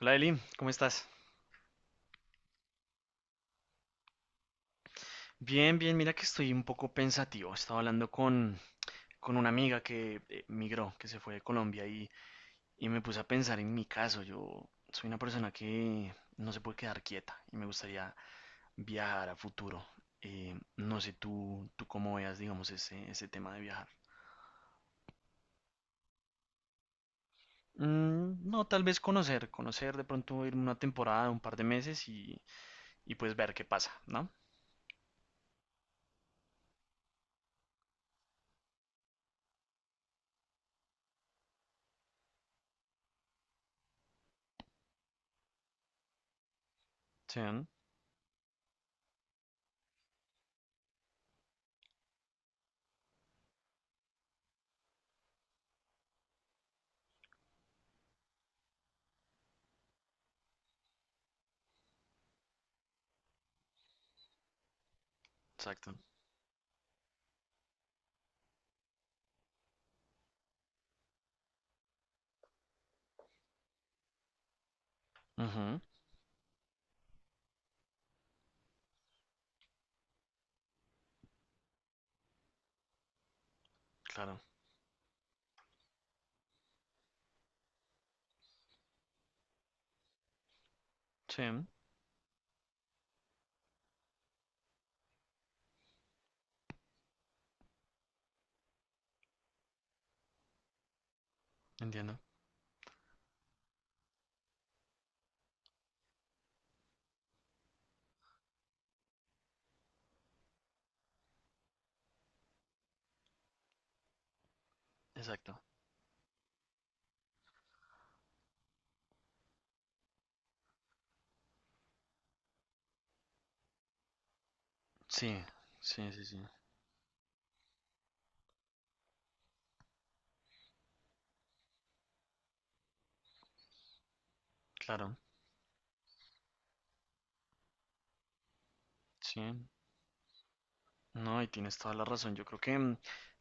Hola Eli, ¿cómo estás? Bien, bien, mira que estoy un poco pensativo. Estaba hablando con una amiga que migró, que se fue de Colombia y me puse a pensar en mi caso. Yo soy una persona que no se puede quedar quieta y me gustaría viajar a futuro. No sé tú, cómo veas, digamos, ese tema de viajar. No, tal vez conocer de pronto ir una temporada, un par de meses y pues ver qué pasa, ¿no? Sí, exacto. Ujú, claro. Sí, entiendo. Exacto. Sí, sí, sí, sí, claro, sí, no, y tienes toda la razón. Yo creo que mm,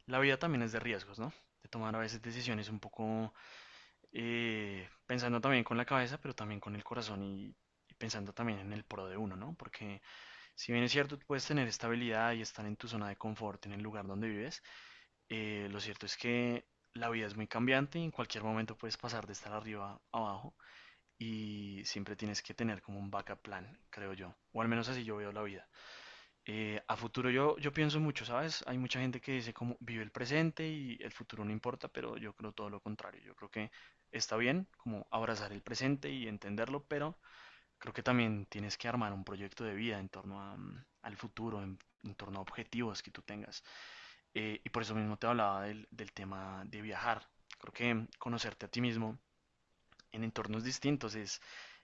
la vida también es de riesgos, ¿no? De tomar a veces decisiones un poco pensando también con la cabeza, pero también con el corazón y pensando también en el pro de uno, ¿no? Porque si bien es cierto, tú puedes tener estabilidad y estar en tu zona de confort, en el lugar donde vives, lo cierto es que la vida es muy cambiante y en cualquier momento puedes pasar de estar arriba a abajo y siempre tienes que tener como un backup plan, creo yo, o al menos así yo veo la vida. A futuro yo pienso mucho, ¿sabes? Hay mucha gente que dice como vive el presente y el futuro no importa, pero yo creo todo lo contrario. Yo creo que está bien como abrazar el presente y entenderlo, pero creo que también tienes que armar un proyecto de vida en torno a, mm, al futuro, en torno a objetivos que tú tengas. Y por eso mismo te hablaba del tema de viajar. Creo que conocerte a ti mismo en entornos distintos.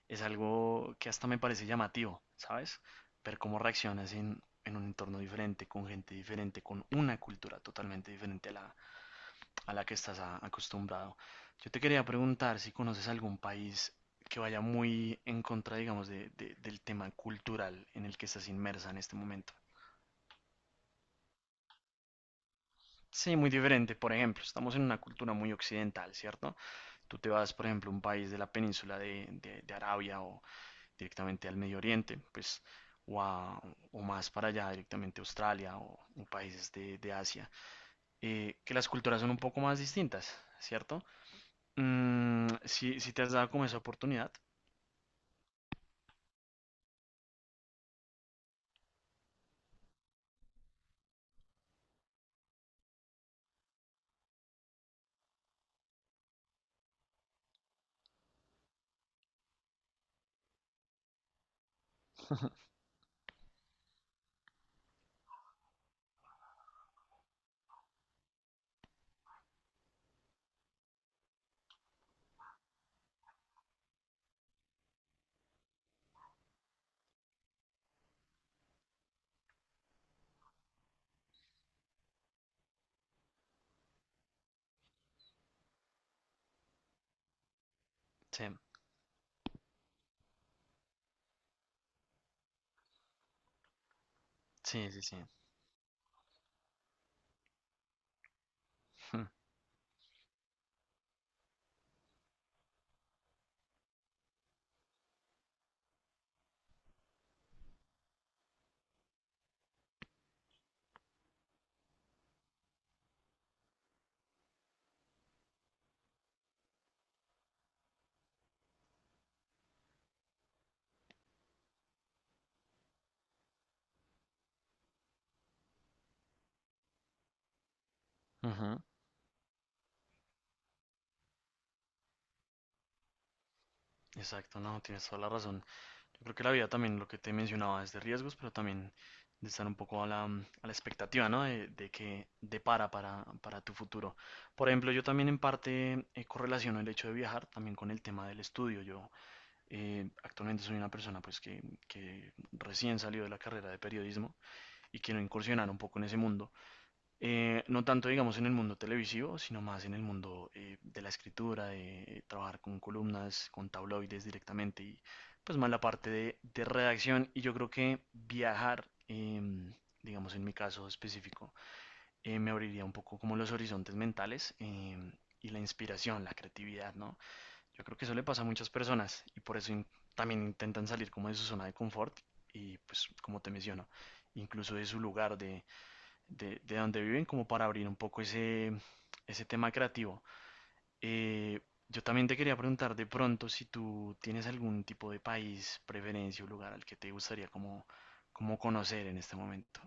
Es algo que hasta me parece llamativo, ¿sabes? Ver cómo reaccionas en un entorno diferente, con gente diferente, con una cultura totalmente diferente a la que estás acostumbrado. Yo te quería preguntar si conoces algún país que vaya muy en contra, digamos, del tema cultural en el que estás inmersa en este momento. Sí, muy diferente. Por ejemplo, estamos en una cultura muy occidental, ¿cierto? Tú te vas, por ejemplo, a un país de la península de Arabia o, directamente al Medio Oriente, pues, o, o más para allá, directamente a Australia o países de Asia, que las culturas son un poco más distintas, ¿cierto? Mm, si te has dado como esa oportunidad. Sí, sí, sí, sí. Ujú. Exacto, no, tienes toda la razón. Yo creo que la vida también, lo que te mencionaba, es de riesgos, pero también de estar un poco a la, mm, a la expectativa, ¿no? De qué depara para tu futuro. Por ejemplo, yo también en parte correlaciono el hecho de viajar también con el tema del estudio. Yo actualmente soy una persona pues que recién salió de la carrera de periodismo y quiero incursionar un poco en ese mundo no tanto, digamos, en el mundo televisivo, sino más en el mundo de la escritura, de trabajar con columnas, con tabloides directamente y pues más la parte de redacción. Y yo creo que viajar, em, digamos, en mi caso específico, me abriría un poco como los horizontes mentales em, y la inspiración, la creatividad, ¿no? Yo creo que eso le pasa a muchas personas y por eso también intentan salir como de su zona de confort y pues como te menciono, incluso de su lugar de donde viven como para abrir un poco ese tema creativo. Eh, yo también te quería preguntar de pronto si tú tienes algún tipo de país, preferencia o lugar al que te gustaría como, como conocer en este momento.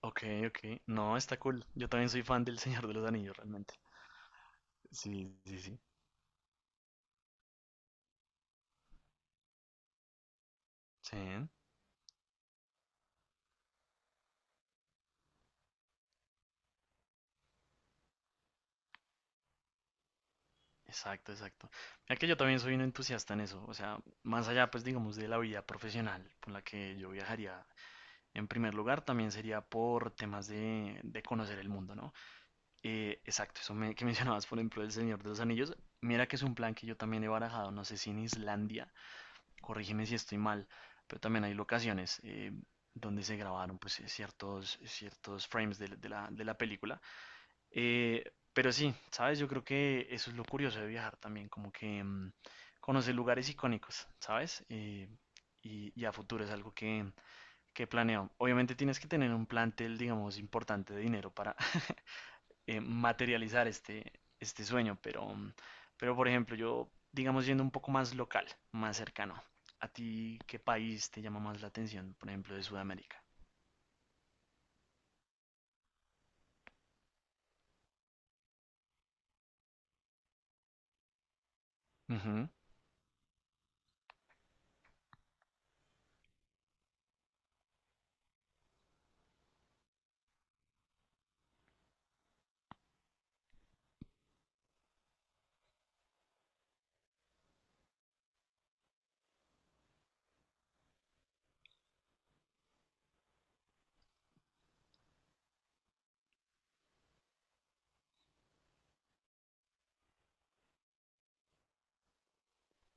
Ok, ok. No, está cool. Yo también soy fan del Señor de los Anillos, realmente. Sí, sí, sí. Sí, exacto, exacto. Mira que yo también soy un entusiasta en eso. O sea, más allá, pues digamos, de la vida profesional por la que yo viajaría. En primer lugar, también sería por temas de conocer el mundo, ¿no? Exacto, eso que mencionabas, por ejemplo, El Señor de los Anillos. Mira que es un plan que yo también he barajado, no sé si en Islandia, corrígeme si estoy mal, pero también hay locaciones donde se grabaron pues, ciertos frames de la película. Eh, pero sí, ¿sabes? Yo creo que eso es lo curioso de viajar también, como que mm, conocer lugares icónicos, ¿sabes? Y, y a futuro es algo que ¿qué planeo? Obviamente tienes que tener un plantel, digamos, importante de dinero para materializar este, este sueño, pero, mm, pero por ejemplo, yo, digamos, yendo un poco más local, más cercano, ¿a ti qué país te llama más la atención, por ejemplo, de Sudamérica? Ujú,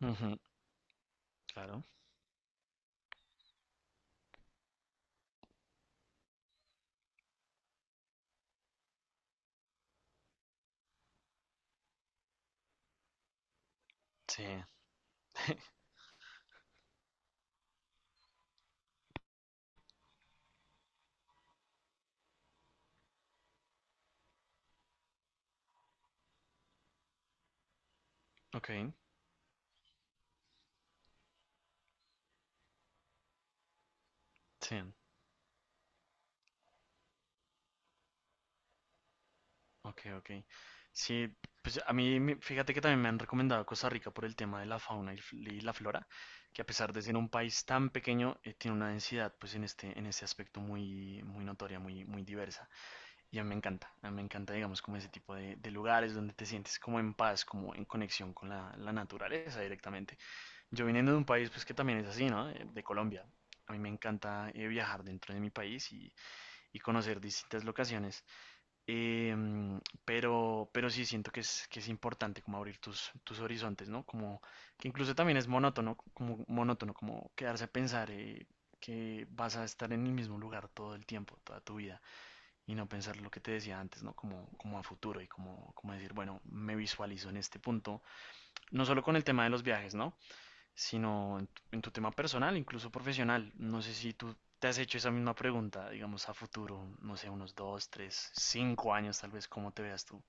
ujú, claro. Sí, ok, sí. Ok, ok. Sí, pues a mí, fíjate que también me han recomendado Costa Rica por el tema de la fauna y y la flora, que a pesar de ser un país tan pequeño, tiene una densidad, pues en este, en ese aspecto muy, muy notoria, muy, muy diversa. Y a mí me encanta, a mí me encanta, digamos, como ese tipo de lugares donde te sientes como en paz, como en conexión con la naturaleza directamente. Yo viniendo de un país, pues que también es así, ¿no? De Colombia. A mí me encanta viajar dentro de mi país y conocer distintas locaciones. Em, pero sí siento que es importante como abrir tus horizontes, ¿no? Como que incluso también es monótono, como quedarse a pensar que vas a estar en el mismo lugar todo el tiempo, toda tu vida, y no pensar lo que te decía antes, ¿no? Como, como a futuro y como, como decir, bueno, me visualizo en este punto, no solo con el tema de los viajes, ¿no? Sino en tu tema personal, incluso profesional. No sé si tú te has hecho esa misma pregunta, digamos a futuro, no sé, unos 2, 3, 5 años tal vez, cómo te veas tú.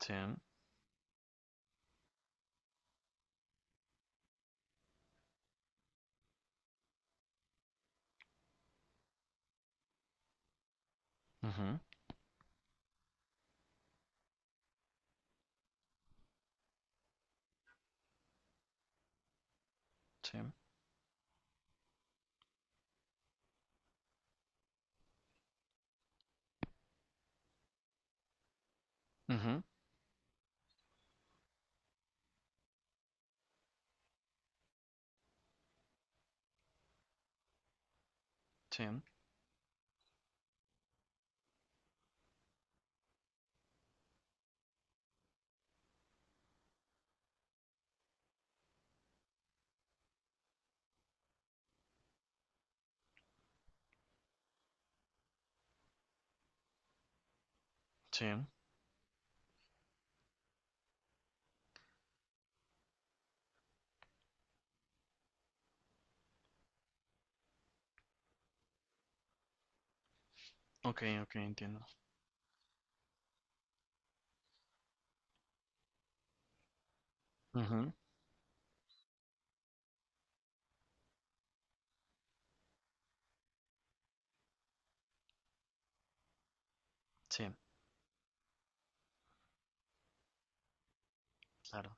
Sí, ujú, sí, ujú, sí, sí, ok, ok, entiendo. Ujú, sí, claro,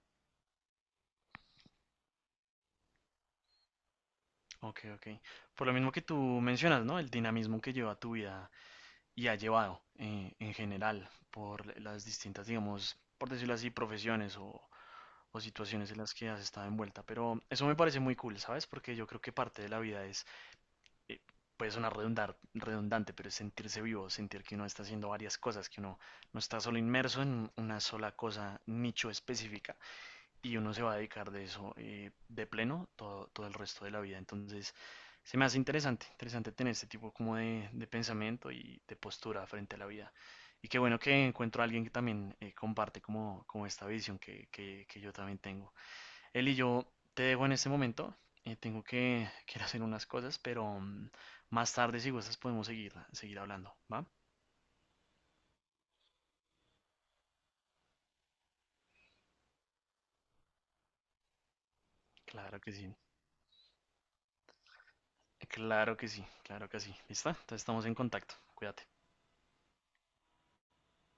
ok, ok. Por lo mismo que tú mencionas, ¿no? El dinamismo que lleva tu vida y ha llevado en general por las distintas, digamos, por decirlo así, profesiones o situaciones en las que has estado envuelta. Pero eso me parece muy cool, ¿sabes? Porque yo creo que parte de la vida es, eh, puede sonar redundar, redundante, pero es sentirse vivo, sentir que uno está haciendo varias cosas, que uno no está solo inmerso en una sola cosa, nicho específica, y uno se va a dedicar de eso de pleno todo, todo el resto de la vida. Entonces, se me hace interesante, interesante tener este tipo como de pensamiento y de postura frente a la vida. Y qué bueno que encuentro a alguien que también comparte como, como esta visión que yo también tengo. Eli, yo te dejo en este momento. Tengo que ir a hacer unas cosas, pero mm, más tarde, si gustas, podemos seguir hablando, ¿va? Claro que sí. Claro que sí, claro que sí. ¿Lista? Entonces estamos en contacto. Cuídate.